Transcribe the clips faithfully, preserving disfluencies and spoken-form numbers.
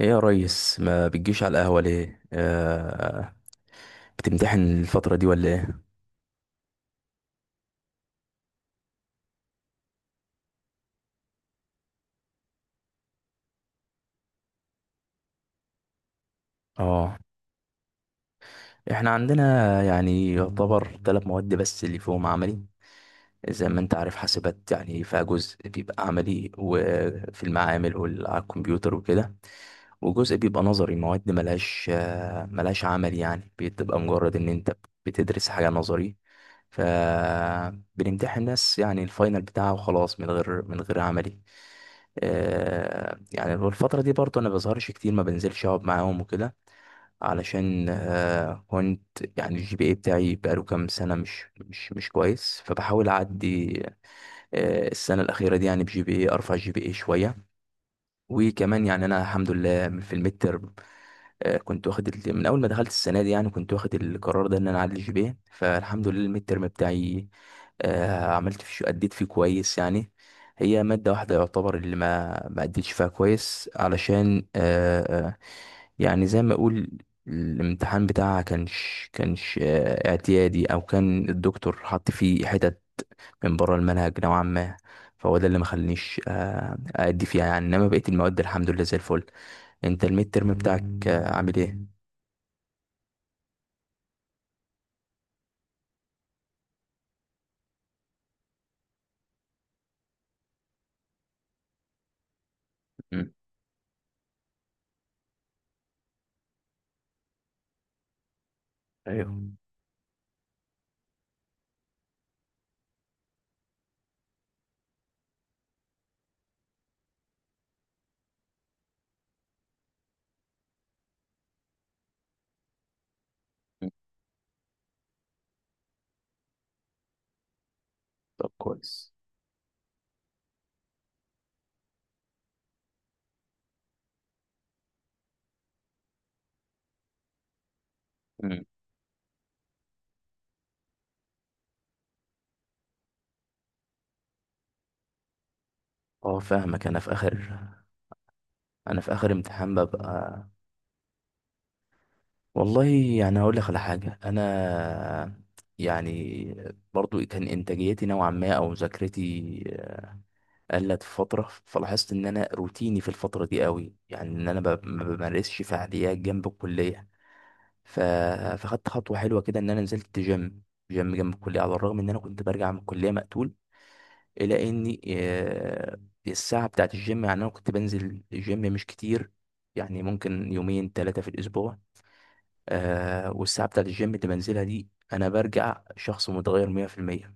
ايه يا ريس، ما بتجيش على القهوة ليه؟ آه بتمتحن الفترة دي ولا ايه؟ اه. احنا عندنا، يعني يعتبر ثلاث مواد بس اللي فيهم عملي. زي ما انت عارف، حاسبات يعني فيها جزء بيبقى عملي وفي المعامل وعلى الكمبيوتر وكده، وجزء بيبقى نظري. مواد ملهاش آه، ملهاش عمل، يعني بتبقى مجرد ان انت بتدرس حاجة نظري. فبنمتحن ناس يعني الفاينل بتاعها وخلاص من غير من غير عملي. آه، يعني في الفترة دي برضه أنا بظهرش كتير، ما بنزلش أقعد معاهم وكده، علشان آه، كنت، يعني الجي بي اي بتاعي بقاله كام سنة مش مش مش كويس، فبحاول أعدي. آه، السنة الأخيرة دي يعني بجي بي اي، أرفع جي بي اي شوية. وكمان يعني انا الحمد لله في الميد تيرم، آه، كنت واخد ال- من اول ما دخلت السنه دي، يعني كنت واخد القرار ده ان انا اعلي جي. فالحمد لله الميد تيرم بتاعي، آه، عملت فيه اديت فيه كويس يعني. هي ماده واحده يعتبر اللي ما ما اديتش فيها كويس، علشان آه، آه، يعني زي ما اقول، الامتحان بتاعها كانش كانش آه، اعتيادي، او كان الدكتور حط فيه حتت من بره المنهج نوعا ما. فهو ده اللي ما خلانيش آه، أدي فيها يعني، إنما بقية المواد الحمد لله زي الفل. أنت الميد ترم بتاعك آه، عامل إيه؟ مم. ايوه، مم. طب كويس. مم. اه، فاهمك. انا في اخر انا في اخر امتحان ببقى، والله. يعني هقول لك على حاجه انا، يعني برضو كان انتاجيتي نوعا ما، او مذاكرتي قلت في فتره، فلاحظت ان انا روتيني في الفتره دي قوي، يعني ان انا ب- ما بمارسش فعاليات جنب الكليه. ف... فخدت خطوه حلوه كده، ان انا نزلت جيم جيم جنب الكليه، على الرغم ان انا كنت برجع من الكليه مقتول، الا اني آه، الساعه بتاعه الجيم، يعني انا كنت بنزل الجيم مش كتير، يعني ممكن يومين ثلاثه في الاسبوع. آه، والساعه بتاعه الجيم اللي بنزلها دي انا برجع شخص متغير مية في المية.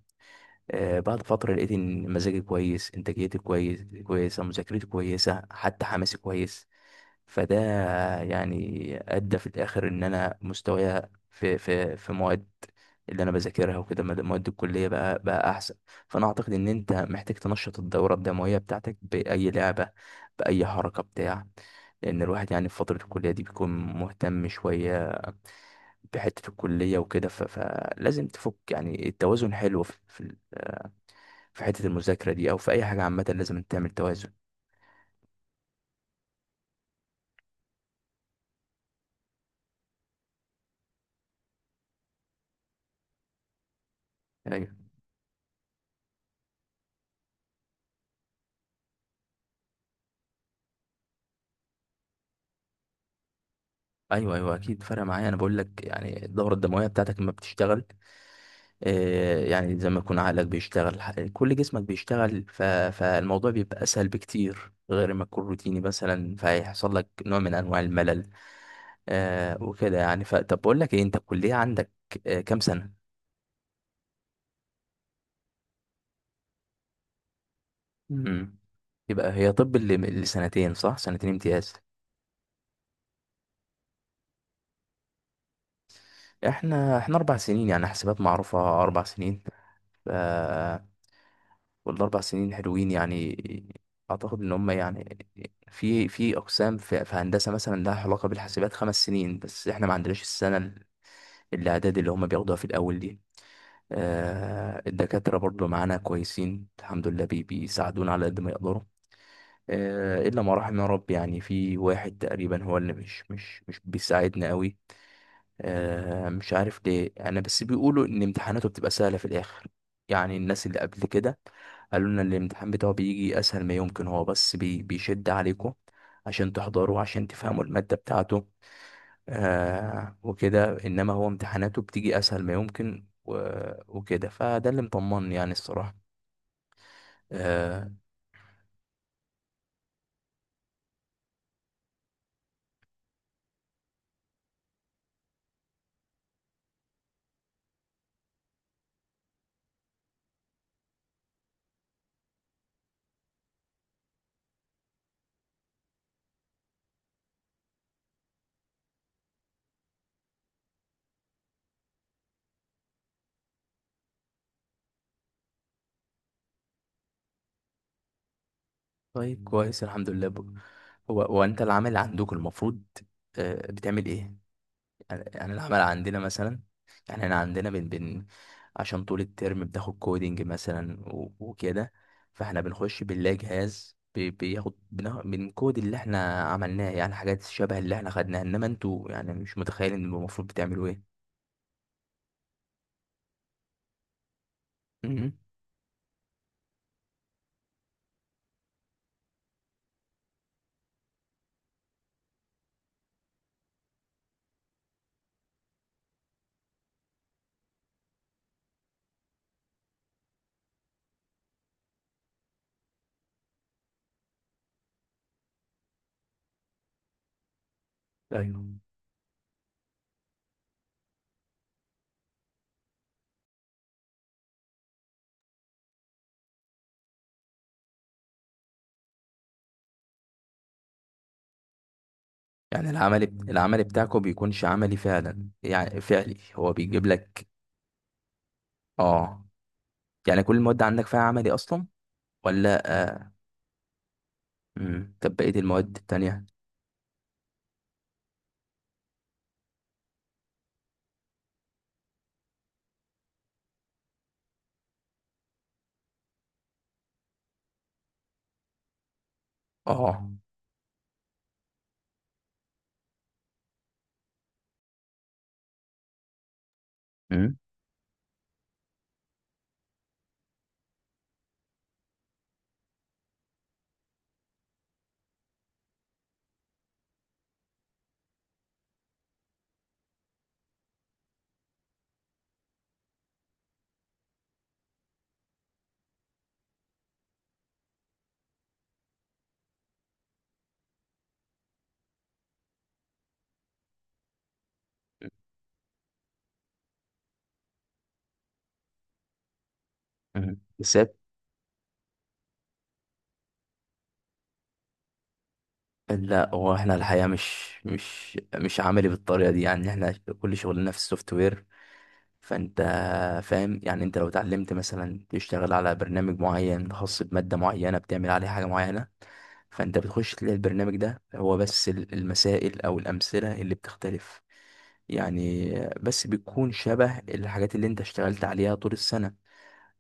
آه، بعد فترة لقيت إن مزاجي كويس، إنتاجيتي كويس كويسة، مذاكرتي كويسة، حتى حماسي كويس. فده يعني أدى في الآخر إن أنا مستوايا في في في مواد اللي أنا بذاكرها وكده، مد- مواد الكلية بقى بقى أحسن. فأنا أعتقد إن أنت محتاج تنشط الدورة الدموية بتاعتك بأي لعبة، بأي حركة بتاع. لأن الواحد يعني في فترة الكلية دي بيكون مهتم شوية بحتة الكلية وكده، ف- فلازم تفك، يعني التوازن حلو في في حتة المذاكرة دي، أو في أي حاجة عامة لازم أنت تعمل توازن. أيوه، أيوه، أيوه أكيد فرق معايا. أنا بقول لك يعني الدورة الدموية بتاعتك لما بتشتغل، آه، يعني زي ما يكون عقلك بيشتغل، ح- كل جسمك بيشتغل. ف... فالموضوع بيبقى أسهل بكتير غير ما تكون روتيني مثلا، فهيحصل لك نوع من أنواع الملل آه وكده يعني. فطب بقول لك إيه، أنت الكلية عندك آه كام سنة؟ مم. امم يبقى هي، طب اللي اللي سنتين صح؟ سنتين امتياز. احنا احنا أربع سنين، يعني حسابات معروفة أربع سنين. ف- والاربع سنين حلوين، يعني اعتقد ان هم يعني في في اقسام في, في هندسه مثلا لها علاقه بالحاسبات خمس سنين، بس احنا ما عندناش السنه الاعداد اللي هم بياخدوها في الاول دي. آه الدكاتره برضو معانا كويسين الحمد لله، بي بيساعدونا على قد ما يقدروا. آه الا ما رحم يا رب، يعني في واحد تقريبا هو اللي مش مش مش بيساعدنا قوي. آه، مش عارف ليه انا، بس بيقولوا ان امتحاناته بتبقى سهله في الاخر. يعني الناس اللي قبل كده قالوا لنا الامتحان بتاعه بيجي اسهل ما يمكن، هو بس بي بيشد عليكم عشان تحضروا، عشان تفهموا الماده بتاعته آه وكده، انما هو امتحاناته بتيجي اسهل ما يمكن و- وكده. فده اللي مطمني يعني، الصراحه آه. طيب كويس، الحمد لله. ب- هو هو انت العمل عندك، المفروض آه بتعمل ايه؟ يعني يعني العمل عندنا مثلا، يعني احنا عندنا بن بن عشان طول الترم بتاخد كودينج مثلا و- وكده. فاحنا بنخش بنلاقي جهاز بي- بياخد بنا- بنكود اللي احنا عملناه، يعني حاجات شبه اللي احنا خدناها. انما انتوا يعني مش متخيلين انه المفروض بتعملوا ايه. مم. ايوه. يعني العمل بت- العمل بتاعكم بيكونش عملي فعلا يعني، فعلي هو بيجيب لك. اه. يعني كل المواد عندك فيها عملي اصلا ولا؟ آه. مم. طب بقية المواد التانية؟ اه. مم. مم. بالذات. لا، هو احنا الحقيقة مش مش مش عملي بالطريقة دي. يعني احنا كل شغلنا في السوفت وير، فانت فاهم، يعني انت لو اتعلمت مثلا تشتغل على برنامج معين خاص بمادة معينة، بتعمل عليه حاجة معينة، فانت بتخش تلاقي البرنامج ده هو بس، ال- المسائل او الأمثلة اللي بتختلف، يعني بس بتكون شبه الحاجات اللي انت اشتغلت عليها طول السنة.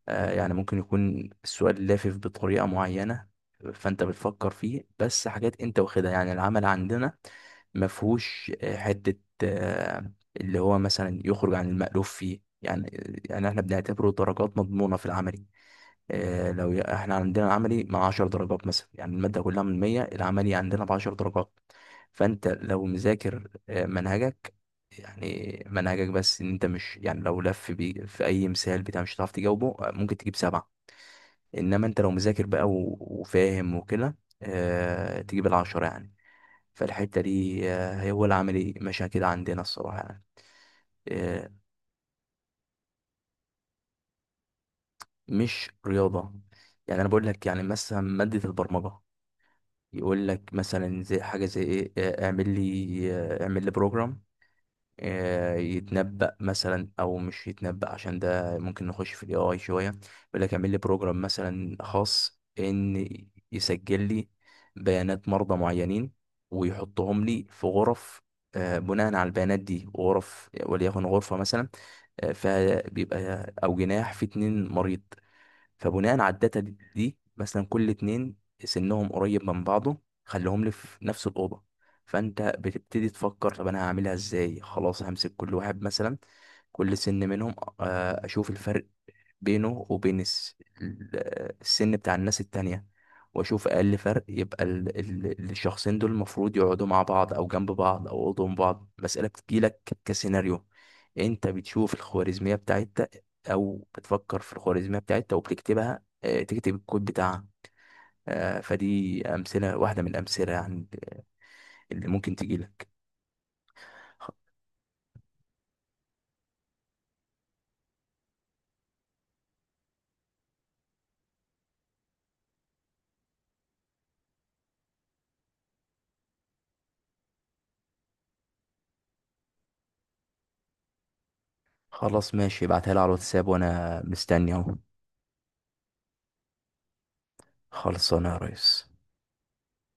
آه، يعني ممكن يكون السؤال لافف بطريقة معينة، فأنت بتفكر فيه. بس حاجات أنت واخدها، يعني العمل عندنا مفهوش آه، حتة آه، اللي هو مثلا يخرج عن المألوف فيه يعني. يعني احنا بنعتبره درجات مضمونة في العملي. آه، لو ي- احنا عندنا عملي مع عشرة درجات مثلا، يعني المادة كلها من مية، العملي عندنا ب عشرة درجات. فانت لو مذاكر آه، منهجك، يعني منهجك بس، ان انت مش، يعني لو لف بي في اي مثال بتاع مش هتعرف تجاوبه آه، ممكن تجيب سبعة، انما انت لو مذاكر بقى و- وفاهم وكده آه، تجيب العشرة يعني. فالحتة دي آه، هي هو العملي ماشية كده عندنا الصراحة يعني. آه، مش رياضة، يعني انا بقول لك يعني مثلا مادة البرمجة، يقول لك مثلا زي حاجة زي ايه، آه، اعمل لي آه، اعمل لي بروجرام آه، يتنبأ مثلا، او مش يتنبأ عشان ده ممكن نخش في الاي اي شوية. يقول لك اعمل لي بروجرام مثلا خاص ان يسجل لي بيانات مرضى معينين، ويحطهم لي في غرف آه، بناء على البيانات دي. غرف وليكن غرفة مثلا، آه، فبيبقى او جناح في اتنين مريض. فبناء على الداتا دي, دي مثلا، كل اتنين سنهم قريب من بعضه خليهم لي في نفس الأوضة. فأنت بتبتدي تفكر، طب أنا هعملها إزاي؟ خلاص همسك كل واحد مثلا، كل سن منهم آه، أشوف الفرق بينه وبين الس- ال- السن بتاع الناس التانية، واشوف اقل فرق يبقى ال- ال- الشخصين دول المفروض يقعدوا مع بعض او جنب بعض او قدام بعض. مسألة بتجيلك كسيناريو، انت بتشوف الخوارزمية بتاعتك او بتفكر في الخوارزمية بتاعتك وبتكتبها، آه، تكتب الكود بتاعها. آه، فدي امثلة واحدة من الامثلة يعني، اللي ممكن تجيلك. خ- خلاص ماشي، ابعتها لي على الواتساب وانا مستني اهو. خلصانه يا ريس.